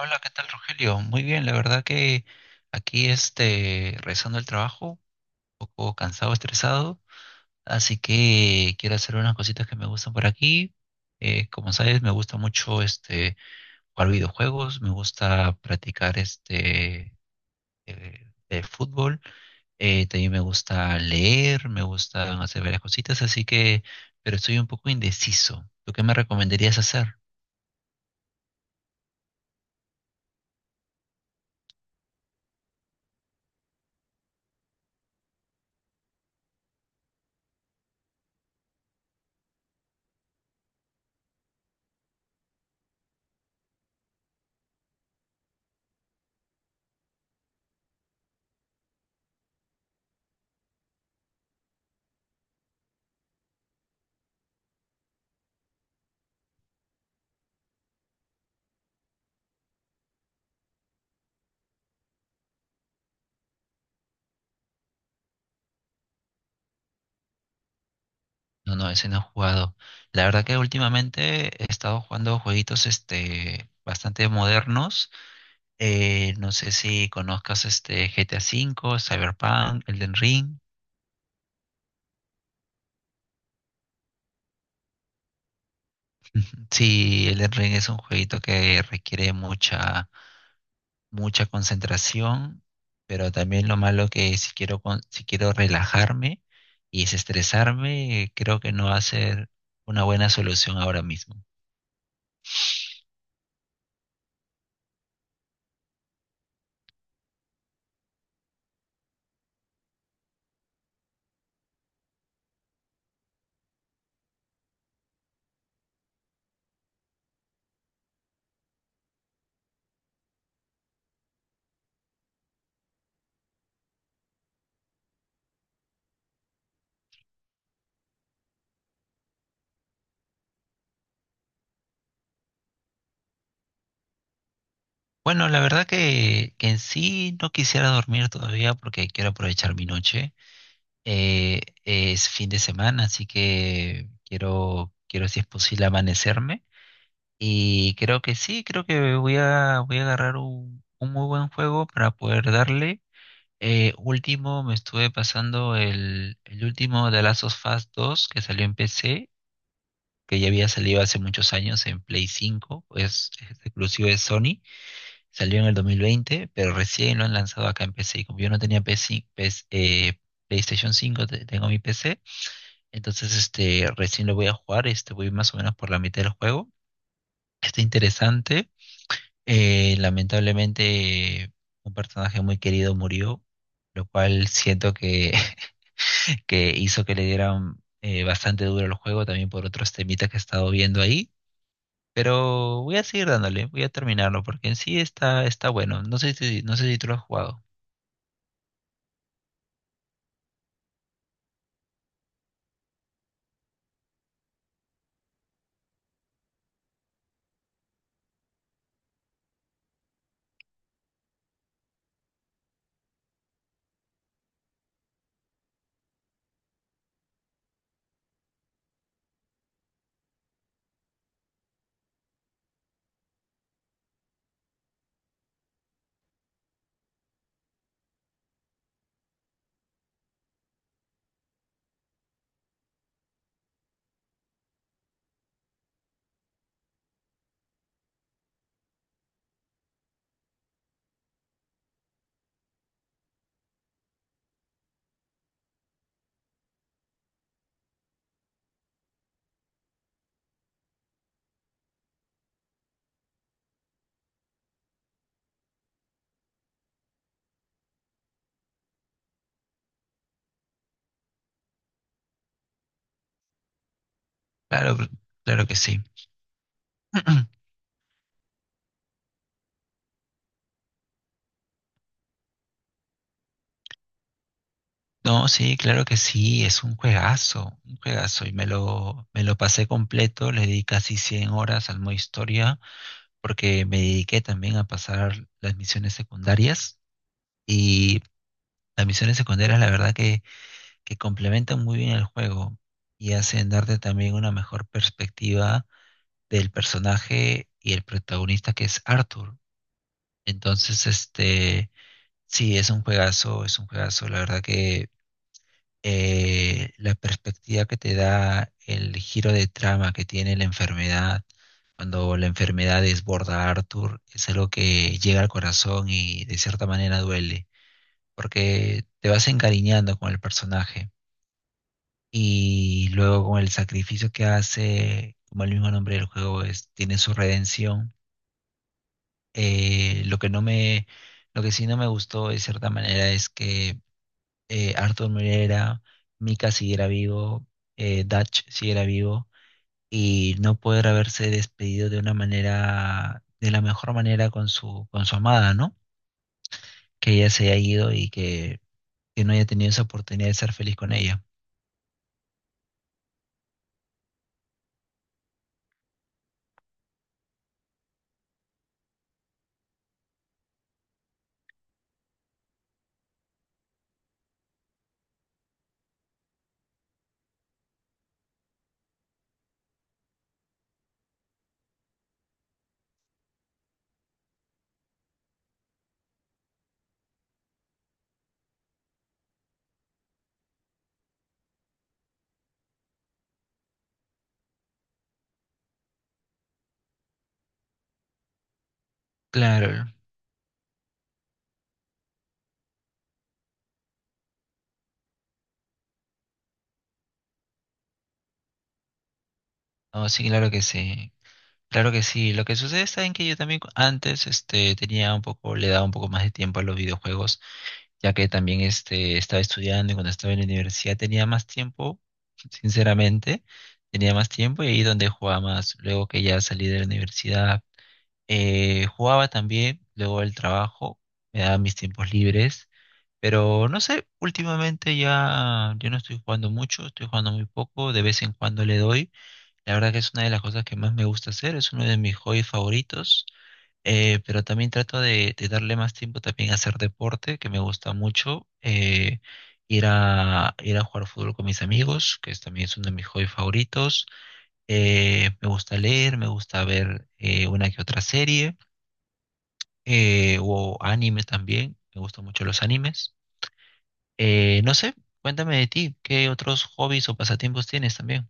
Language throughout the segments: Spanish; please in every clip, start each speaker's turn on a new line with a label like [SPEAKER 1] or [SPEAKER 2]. [SPEAKER 1] Hola, ¿qué tal, Rogelio? Muy bien, la verdad que aquí regresando al trabajo, un poco cansado, estresado, así que quiero hacer unas cositas que me gustan por aquí. Como sabes, me gusta mucho jugar videojuegos, me gusta practicar el fútbol, también me gusta leer, me gustan hacer varias cositas, así que, pero estoy un poco indeciso. ¿Tú qué me recomendarías hacer? No, no, ese no he jugado. La verdad que últimamente he estado jugando jueguitos bastante modernos. No sé si conozcas este GTA V, Cyberpunk, Elden Ring. Sí, Elden Ring es un jueguito que requiere mucha, mucha concentración, pero también lo malo que si quiero, si quiero relajarme y desestresarme, creo que no va a ser una buena solución ahora mismo. Bueno, la verdad que en sí no quisiera dormir todavía porque quiero aprovechar mi noche. Es fin de semana, así que quiero, si es posible amanecerme. Y creo que sí, creo que voy a agarrar un muy buen juego para poder darle. Último, me estuve pasando el último de Last of Us 2 que salió en PC, que ya había salido hace muchos años en Play 5, es exclusivo de Sony. Salió en el 2020, pero recién lo han lanzado acá en PC. Y como yo no tenía PC, PS, PlayStation 5, tengo mi PC. Entonces, recién lo voy a jugar. Voy más o menos por la mitad del juego. Está interesante. Lamentablemente, un personaje muy querido murió, lo cual siento que, que hizo que le dieran bastante duro al juego, también por otros temitas que he estado viendo ahí. Pero voy a seguir dándole, voy a terminarlo, porque en sí está bueno. No sé si tú lo has jugado. Claro, claro que sí. No, sí, claro que sí, es un juegazo, un juegazo. Y me lo pasé completo, le di casi 100 horas al modo historia, porque me dediqué también a pasar las misiones secundarias. Y las misiones secundarias, la verdad que complementan muy bien el juego y hacen darte también una mejor perspectiva del personaje y el protagonista que es Arthur. Entonces, sí, es un juegazo, la verdad que la perspectiva que te da el giro de trama que tiene la enfermedad, cuando la enfermedad desborda a Arthur, es algo que llega al corazón y de cierta manera duele, porque te vas encariñando con el personaje y luego con el sacrificio que hace, como el mismo nombre del juego es, tiene su redención. Eh, lo que no me, lo que sí no me gustó de cierta manera es que Arthur Moreira, Mika siguiera vivo, Dutch siguiera vivo y no poder haberse despedido de una manera, de la mejor manera con su amada, ¿no? Que ella se haya ido y que no haya tenido esa oportunidad de ser feliz con ella. Claro, no, sí, claro que sí. Claro que sí. Lo que sucede está en que yo también antes tenía un poco, le daba un poco más de tiempo a los videojuegos, ya que también estaba estudiando, y cuando estaba en la universidad tenía más tiempo, sinceramente, tenía más tiempo, y ahí donde jugaba más. Luego que ya salí de la universidad, jugaba también, luego el trabajo, me daba mis tiempos libres, pero no sé, últimamente ya yo no estoy jugando mucho, estoy jugando muy poco, de vez en cuando le doy. La verdad que es una de las cosas que más me gusta hacer, es uno de mis hobbies favoritos. Pero también trato de darle más tiempo también a hacer deporte, que me gusta mucho. Ir a jugar fútbol con mis amigos, que es, también es uno de mis hobbies favoritos. Me gusta leer, me gusta ver una que otra serie, o anime también. Me gustan mucho los animes. No sé, cuéntame de ti, ¿qué otros hobbies o pasatiempos tienes también?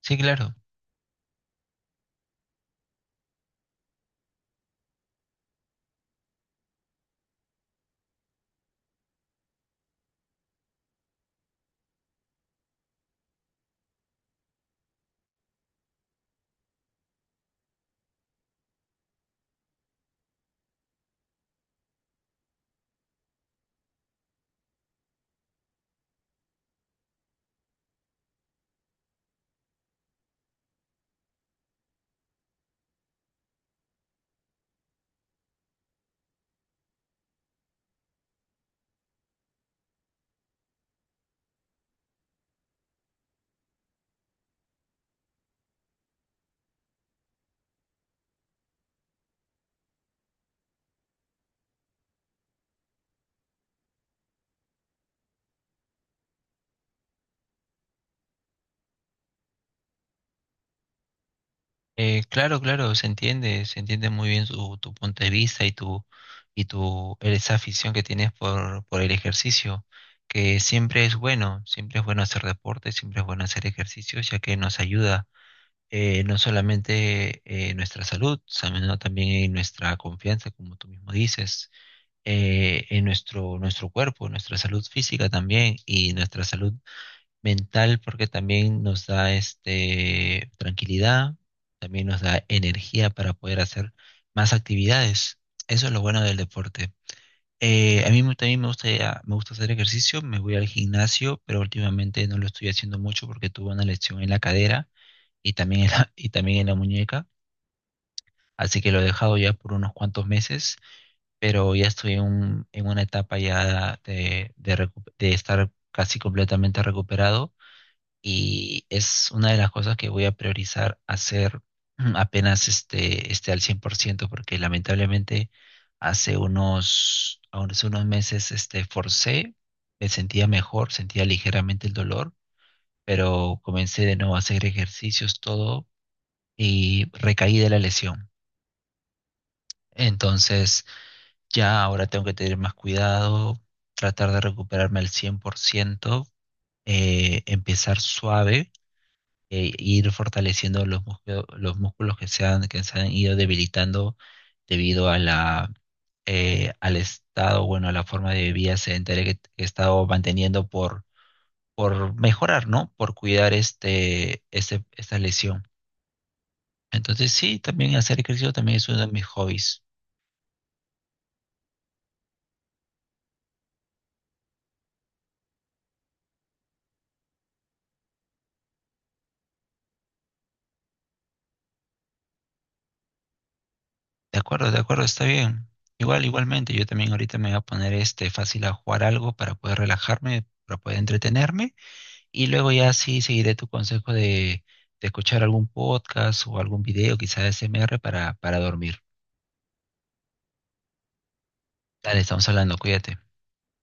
[SPEAKER 1] Sí, claro. Claro, claro, se entiende muy bien tu punto de vista y tu esa afición que tienes por el ejercicio, que siempre es bueno hacer deporte, siempre es bueno hacer ejercicio, ya que nos ayuda, no solamente nuestra salud, sino también en nuestra confianza, como tú mismo dices, en nuestro cuerpo, nuestra salud física también, y nuestra salud mental, porque también nos da tranquilidad, también nos da energía para poder hacer más actividades. Eso es lo bueno del deporte. A mí también me gusta hacer ejercicio, me voy al gimnasio, pero últimamente no lo estoy haciendo mucho porque tuve una lesión en la cadera y también en la, y también en la muñeca, así que lo he dejado ya por unos cuantos meses, pero ya estoy en una etapa ya de estar casi completamente recuperado, y es una de las cosas que voy a priorizar hacer apenas esté al 100%, porque lamentablemente hace unos meses forcé, me sentía mejor, sentía ligeramente el dolor, pero comencé de nuevo a hacer ejercicios, todo, y recaí de la lesión. Entonces ya ahora tengo que tener más cuidado, tratar de recuperarme al 100%, empezar suave, ir fortaleciendo los músculos que se han ido debilitando debido a la, al estado, bueno, a la forma de vida sedentaria que he estado manteniendo por mejorar, ¿no? Por cuidar esta lesión. Entonces, sí, también hacer ejercicio también es uno de mis hobbies. De acuerdo, está bien. Igualmente, yo también ahorita me voy a poner fácil a jugar algo para poder relajarme, para poder entretenerme. Y luego ya sí seguiré tu consejo de escuchar algún podcast o algún video, quizás SMR para dormir. Dale, estamos hablando, cuídate.